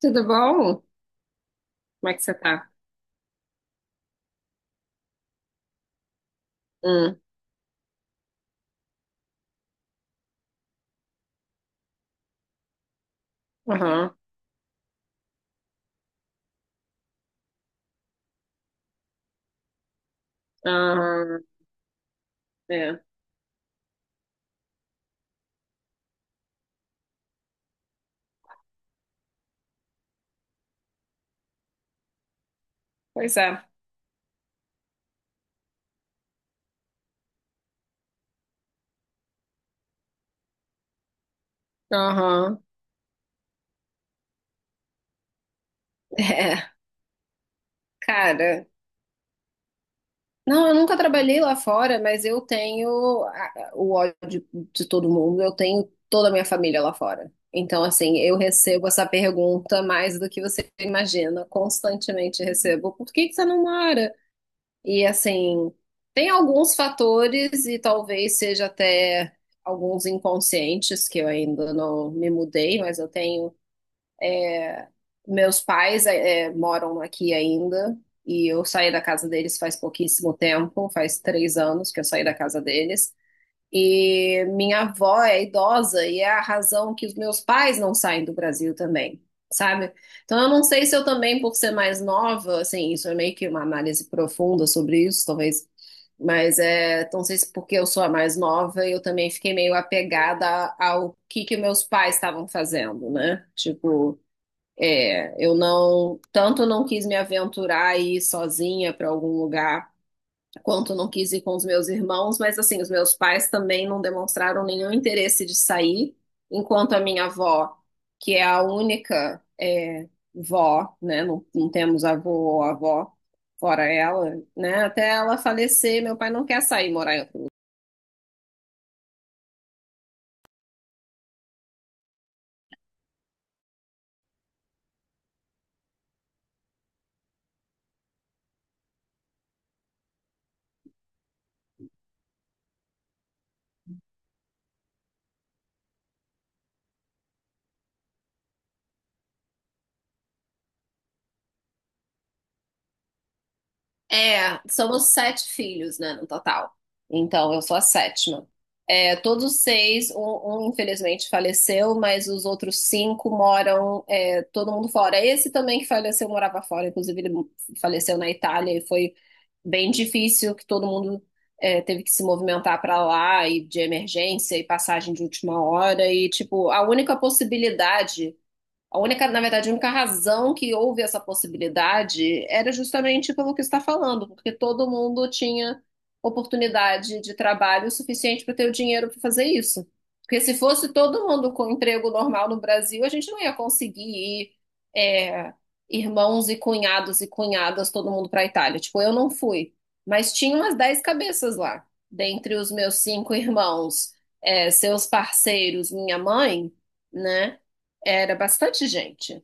Tudo bom? Como é que você tá? Hum, aham, aham, é, pois é, aham, é, cara, não, eu nunca trabalhei lá fora, mas eu tenho o ódio de todo mundo, eu tenho toda a minha família lá fora. Então, assim, eu recebo essa pergunta mais do que você imagina, constantemente recebo, por que que você não mora? E assim, tem alguns fatores, e talvez seja até alguns inconscientes, que eu ainda não me mudei, mas eu tenho. Meus pais moram aqui ainda, e eu saí da casa deles faz pouquíssimo tempo, faz 3 anos que eu saí da casa deles. E minha avó é idosa e é a razão que os meus pais não saem do Brasil também, sabe? Então eu não sei se eu também, por ser mais nova, assim, isso é meio que uma análise profunda sobre isso, talvez, mas é, então, não sei se porque eu sou a mais nova, eu também fiquei meio apegada ao que meus pais estavam fazendo, né? Tipo, é, eu não, tanto não quis me aventurar e ir sozinha para algum lugar quanto não quis ir com os meus irmãos, mas assim, os meus pais também não demonstraram nenhum interesse de sair, enquanto a minha avó, que é a única é, vó, né, não temos avô ou avó, fora ela, né, até ela falecer, meu pai não quer sair morar em outro. É, somos sete filhos, né, no total. Então, eu sou a sétima. Todos seis, um, infelizmente faleceu, mas os outros cinco moram, é, todo mundo fora. Esse também que faleceu morava fora, inclusive ele faleceu na Itália e foi bem difícil que todo mundo é, teve que se movimentar para lá e de emergência e passagem de última hora e tipo a única possibilidade a única, na verdade, a única razão que houve essa possibilidade era justamente pelo que você está falando, porque todo mundo tinha oportunidade de trabalho suficiente para ter o dinheiro para fazer isso. Porque se fosse todo mundo com emprego normal no Brasil, a gente não ia conseguir ir, é, irmãos e cunhados e cunhadas, todo mundo para a Itália. Tipo, eu não fui, mas tinha umas 10 cabeças lá, dentre os meus cinco irmãos, é, seus parceiros, minha mãe, né? Era bastante gente.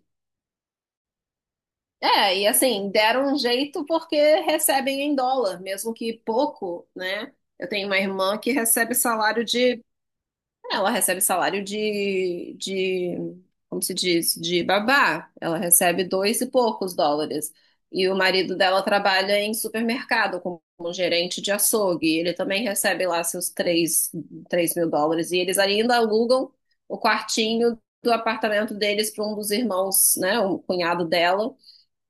É, e assim, deram um jeito porque recebem em dólar, mesmo que pouco, né? Eu tenho uma irmã que recebe salário de ela recebe salário de como se diz, de babá. Ela recebe dois e poucos dólares. E o marido dela trabalha em supermercado como um gerente de açougue. Ele também recebe lá seus US$ 3.000. E eles ainda alugam o quartinho do apartamento deles para um dos irmãos, né, um cunhado dela,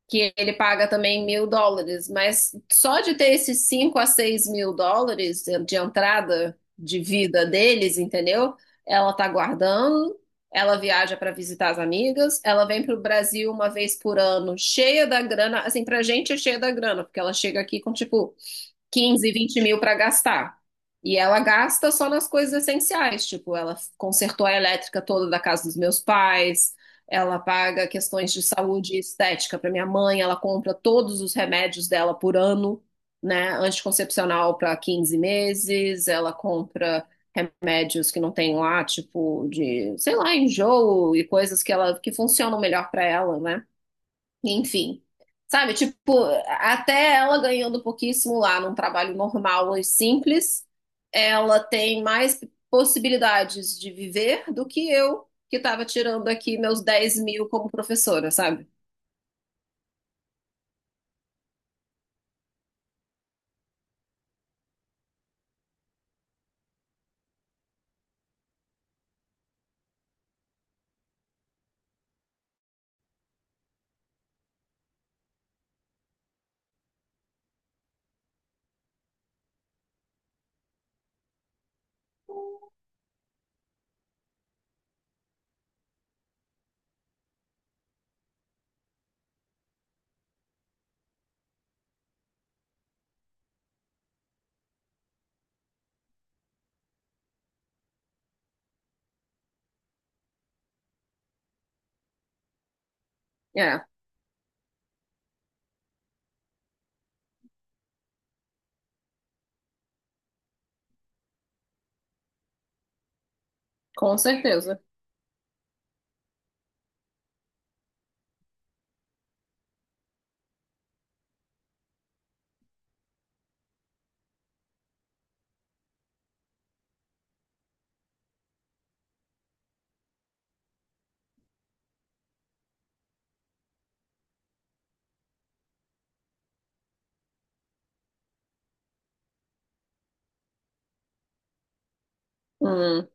que ele paga também US$ 1.000, mas só de ter esses US$ 5.000 a 6.000 de entrada de vida deles, entendeu? Ela tá guardando, ela viaja para visitar as amigas, ela vem pro Brasil uma vez por ano, cheia da grana, assim, pra gente é cheia da grana, porque ela chega aqui com tipo 15, 20.000 para gastar. E ela gasta só nas coisas essenciais, tipo, ela consertou a elétrica toda da casa dos meus pais, ela paga questões de saúde e estética para minha mãe, ela compra todos os remédios dela por ano, né? Anticoncepcional para 15 meses, ela compra remédios que não tem lá, tipo de, sei lá, enjoo e coisas que ela que funcionam melhor para ela, né? Enfim. Sabe, tipo, até ela ganhando pouquíssimo lá num trabalho normal e simples, ela tem mais possibilidades de viver do que eu, que estava tirando aqui meus 10.000 como professora, sabe? É, com certeza. Hum,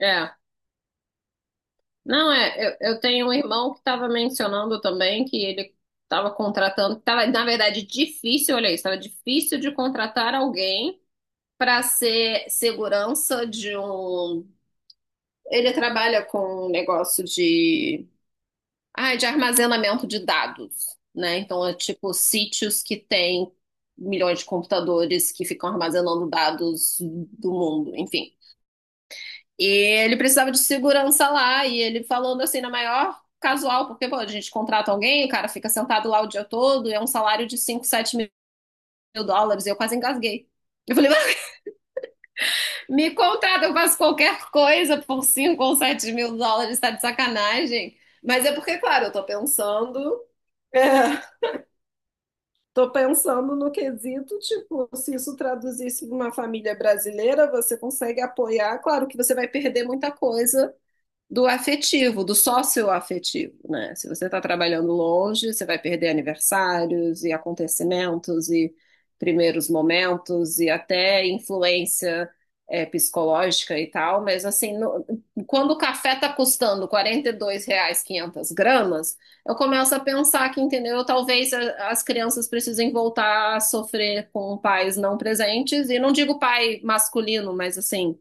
é. Não, é, eu tenho um irmão que estava mencionando também que ele estava contratando, que tava, na verdade, difícil, olha isso, tava difícil de contratar alguém para ser segurança de um Ele trabalha com um negócio de, ah, de armazenamento de dados, né? Então é tipo sítios que têm milhões de computadores que ficam armazenando dados do mundo, enfim. E ele precisava de segurança lá e ele falando assim na maior casual, porque pô, a gente contrata alguém, o cara fica sentado lá o dia todo, e é um salário de US$ 5.000, 7.000, e eu quase engasguei. Eu falei, me contrata, eu faço qualquer coisa por US$ 5.000 ou 7.000, tá de sacanagem. Mas é porque, claro, eu tô pensando. É, tô pensando no quesito, tipo, se isso traduzisse para uma família brasileira, você consegue apoiar. Claro que você vai perder muita coisa do afetivo, do sócio-afetivo, né? Se você está trabalhando longe, você vai perder aniversários e acontecimentos e primeiros momentos e até influência é, psicológica e tal, mas assim, quando o café tá custando R$ 42 500 g, eu começo a pensar que, entendeu, talvez as crianças precisem voltar a sofrer com pais não presentes, e não digo pai masculino, mas assim,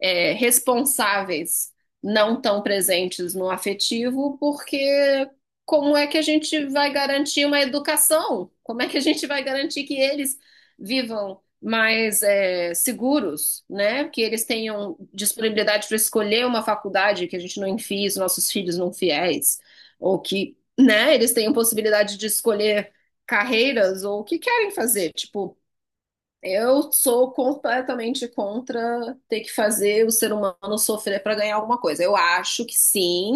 é, responsáveis não tão presentes no afetivo, porque como é que a gente vai garantir uma educação? Como é que a gente vai garantir que eles vivam mais é, seguros, né? Que eles tenham disponibilidade para escolher uma faculdade que a gente não enfie os nossos filhos não fiéis, ou que, né, eles tenham possibilidade de escolher carreiras ou o que querem fazer. Tipo, eu sou completamente contra ter que fazer o ser humano sofrer para ganhar alguma coisa. Eu acho que sim,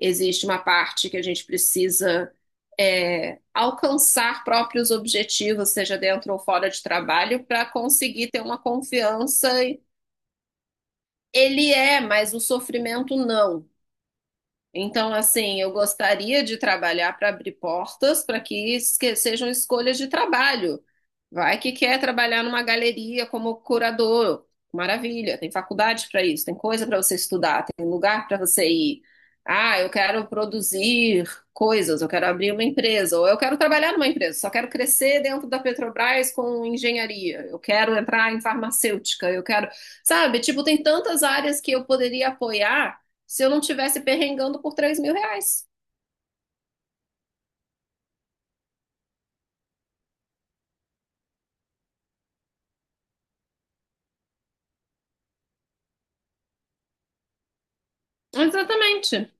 existe uma parte que a gente precisa é, alcançar próprios objetivos, seja dentro ou fora de trabalho, para conseguir ter uma confiança. Ele é, mas o sofrimento não. Então, assim, eu gostaria de trabalhar para abrir portas para que sejam escolhas de trabalho. Vai que quer trabalhar numa galeria como curador. Maravilha, tem faculdade para isso, tem coisa para você estudar, tem lugar para você ir. Ah, eu quero produzir coisas, eu quero abrir uma empresa, ou eu quero trabalhar numa empresa, só quero crescer dentro da Petrobras com engenharia, eu quero entrar em farmacêutica, eu quero, sabe, tipo, tem tantas áreas que eu poderia apoiar se eu não tivesse perrengando por R$ 3.000. Exatamente.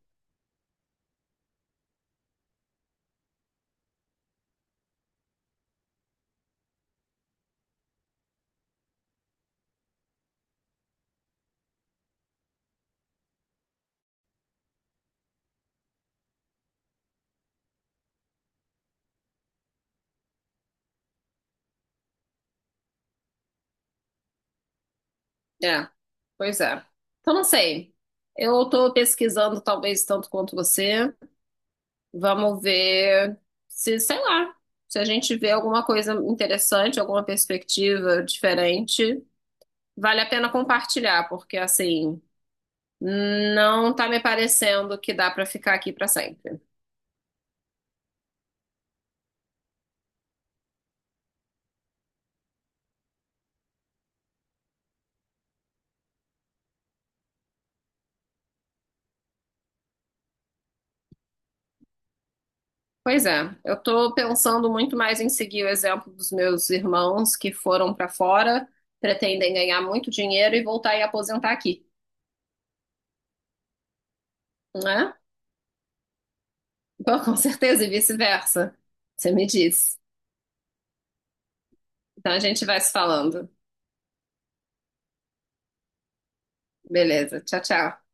É, pois é. Então, não sei. Eu tô pesquisando, talvez, tanto quanto você. Vamos ver se, sei lá, se a gente vê alguma coisa interessante, alguma perspectiva diferente, vale a pena compartilhar, porque, assim, não tá me parecendo que dá pra ficar aqui pra sempre. Pois é, eu estou pensando muito mais em seguir o exemplo dos meus irmãos que foram para fora, pretendem ganhar muito dinheiro e voltar e aposentar aqui, né? Bom, com certeza, e vice-versa. Você me disse. Então a gente vai se falando. Beleza, tchau, tchau.